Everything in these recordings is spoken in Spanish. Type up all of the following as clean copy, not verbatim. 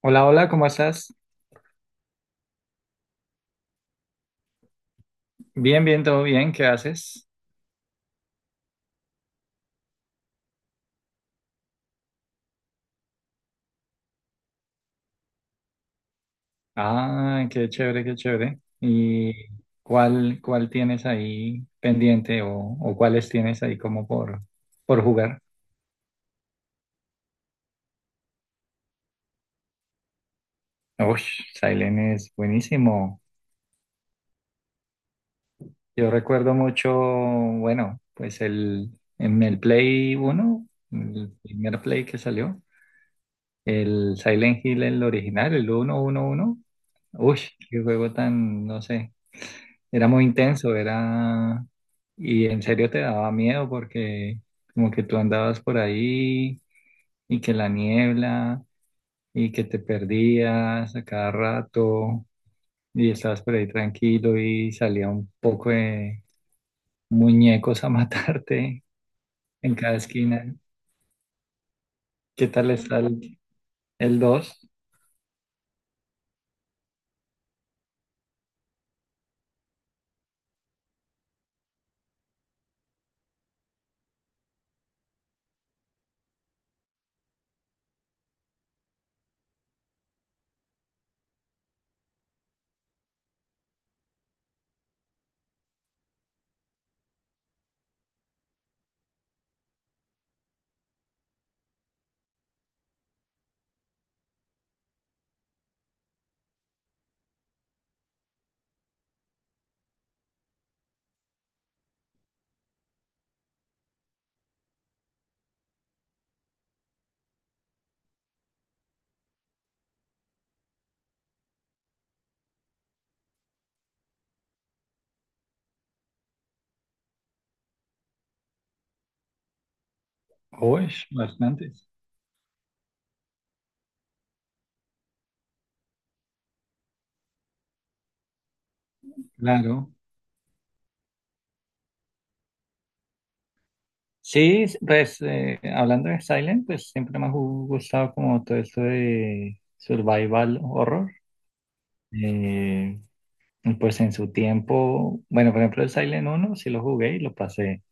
Hola, hola, ¿cómo estás? Bien, bien, todo bien, ¿qué haces? Ah, qué chévere, qué chévere. ¿Y cuál, cuál tienes ahí pendiente o cuáles tienes ahí como por jugar? Uy, Silent es buenísimo. Yo recuerdo mucho, bueno, en el Play uno, el primer Play que salió, el Silent Hill, el original, el uno uno uno. Uy, qué juego tan, no sé, era muy intenso, era, y en serio te daba miedo porque como que tú andabas por ahí y que la niebla y que te perdías a cada rato y estabas por ahí tranquilo y salía un poco de muñecos a matarte en cada esquina. ¿Qué tal está el dos? ¿2? Uy, bastantes. Claro. Sí, pues hablando de Silent, pues siempre me ha gustado como todo esto de survival horror. Eh, y pues en su tiempo, bueno, por ejemplo el Silent uno sí lo jugué y lo pasé.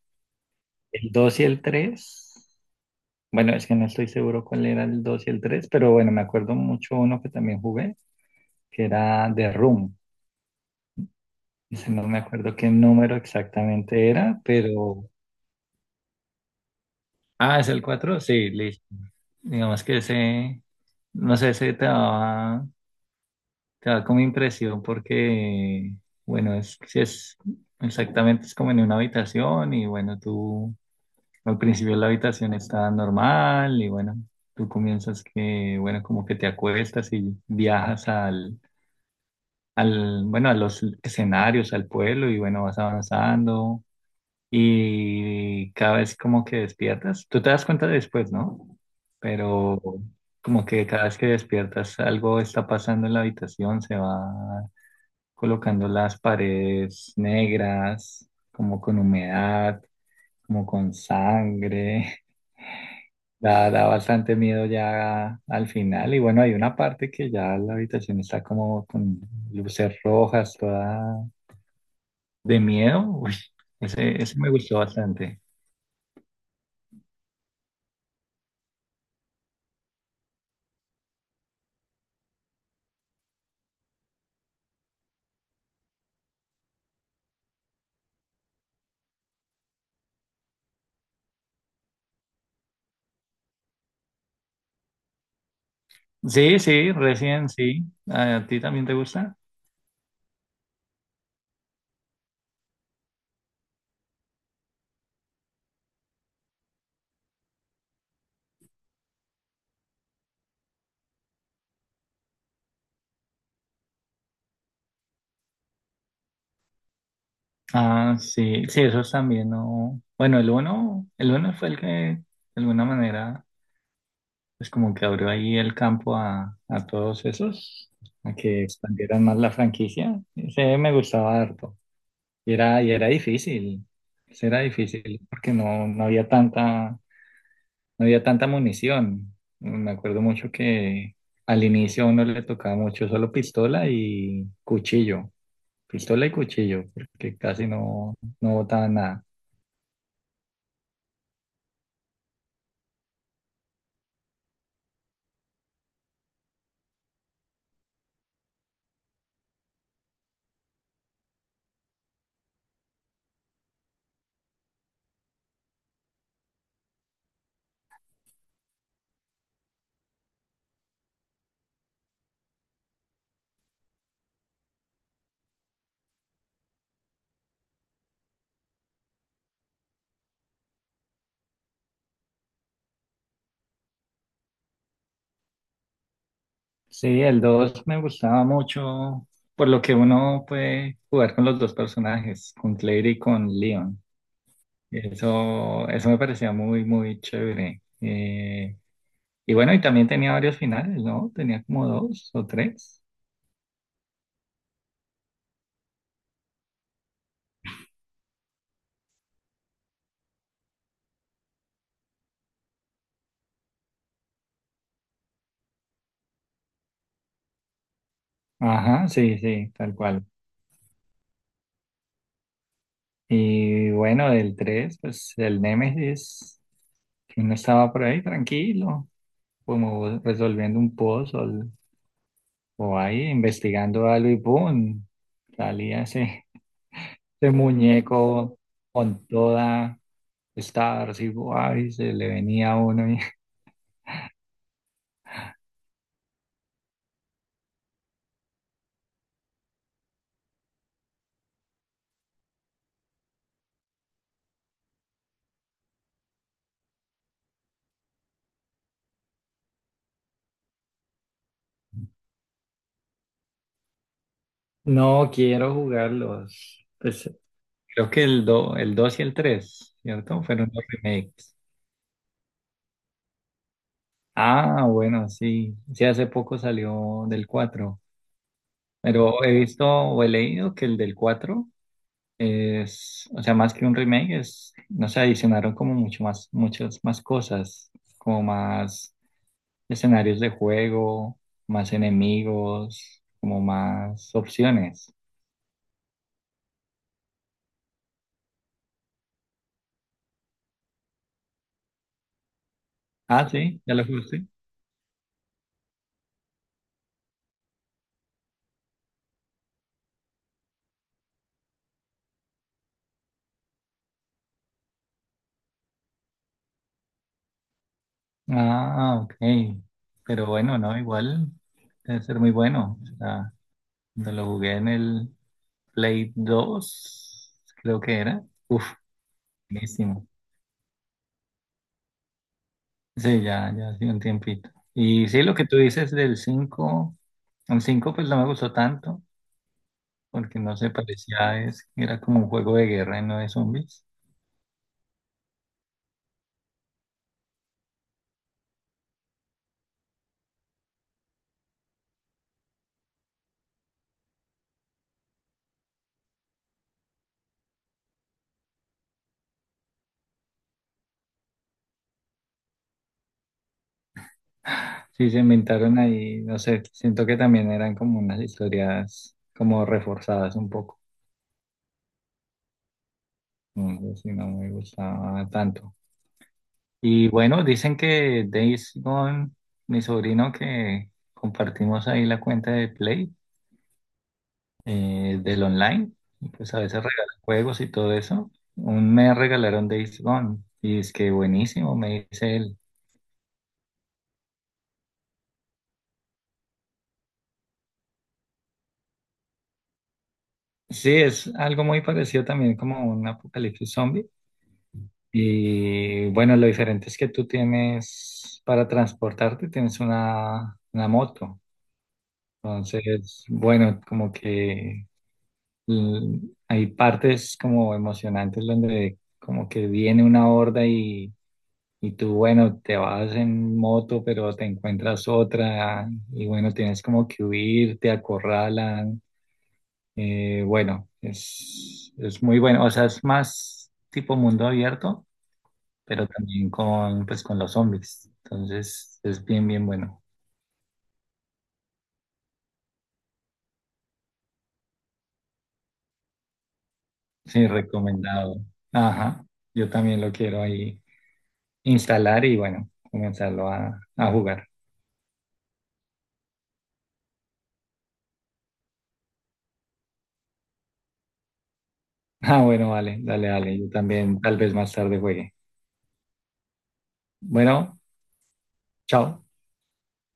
El 2 y el 3, bueno, es que no estoy seguro cuál era el 2 y el 3, pero bueno, me acuerdo mucho uno que también jugué, que era The Room. Ese no me acuerdo qué número exactamente era, pero... Ah, es el 4, sí, listo. Digamos que ese, no sé, ese te daba, claro, como impresión porque, bueno, es, si es exactamente, es como en una habitación y bueno, tú al principio la habitación está normal y bueno, tú comienzas que, bueno, como que te acuestas y viajas bueno, a los escenarios, al pueblo y bueno, vas avanzando y cada vez como que despiertas, tú te das cuenta después, ¿no? Pero como que cada vez que despiertas algo está pasando en la habitación, se va colocando las paredes negras, como con humedad, como con sangre. Da, da bastante miedo ya al final. Y bueno, hay una parte que ya la habitación está como con luces rojas, toda de miedo. Uy, ese me gustó bastante. Sí, sí, recién sí. ¿A ti también te gusta? Ah, sí, sí, esos también no. Bueno, el uno fue el que de alguna manera es como que abrió ahí el campo a todos esos, a que expandieran más la franquicia. Ese me gustaba harto. Y era difícil, ese era difícil porque no, no había tanta, no había tanta munición. Me acuerdo mucho que al inicio a uno le tocaba mucho solo pistola y cuchillo, porque casi no, no botaban nada. Sí, el 2 me gustaba mucho, por lo que uno puede jugar con los dos personajes, con Claire y con Leon. Eso me parecía muy, muy chévere. Y bueno, y también tenía varios finales, ¿no? Tenía como dos o tres. Ajá, sí, sí, tal cual. Y bueno, del 3, pues el Némesis, que uno estaba por ahí tranquilo, como resolviendo un puzzle o ahí investigando algo y ¡pum! Salía ese. Ese muñeco con toda esta igual y guay, se le venía a uno y no quiero jugarlos. Pues creo que el dos y el tres, ¿cierto? Fueron los remakes. Ah, bueno, sí. Sí, hace poco salió del cuatro. Pero he visto o he leído que el del 4 es, o sea, más que un remake, es, no sé, adicionaron como mucho más, muchas más cosas, como más escenarios de juego, más enemigos, como más opciones. Ah, sí, ya lo jugaste. Ah, ok. Pero bueno, no, igual debe ser muy bueno. O sea, cuando lo jugué en el Play 2 creo que era. Uf, buenísimo. Sí, ya, ya hace un tiempito. Y sí, lo que tú dices del cinco, el 5 pues no me gustó tanto, porque no se parecía, es, era como un juego de guerra y no de zombies. Sí, se inventaron ahí, no sé, siento que también eran como unas historias como reforzadas un poco. No sé si no me gustaba tanto. Y bueno, dicen que Days Gone, mi sobrino que compartimos ahí la cuenta de Play, del online, y pues a veces regala juegos y todo eso. Un mes regalaron Days Gone y es que buenísimo, me dice él. Sí, es algo muy parecido también como un apocalipsis zombie. Y bueno, lo diferente es que tú tienes, para transportarte, tienes una moto. Entonces, bueno, como que l- hay partes como emocionantes donde como que viene una horda y tú, bueno, te vas en moto, pero te encuentras otra y bueno, tienes como que huir, te acorralan. Bueno, es muy bueno. O sea, es más tipo mundo abierto pero también con, pues, con los zombies. Entonces es bien, bien bueno. Sí, recomendado. Ajá, yo también lo quiero ahí instalar y bueno, comenzarlo a jugar. Ah, bueno, vale, dale, dale. Yo también tal vez más tarde juegue. Bueno, chao.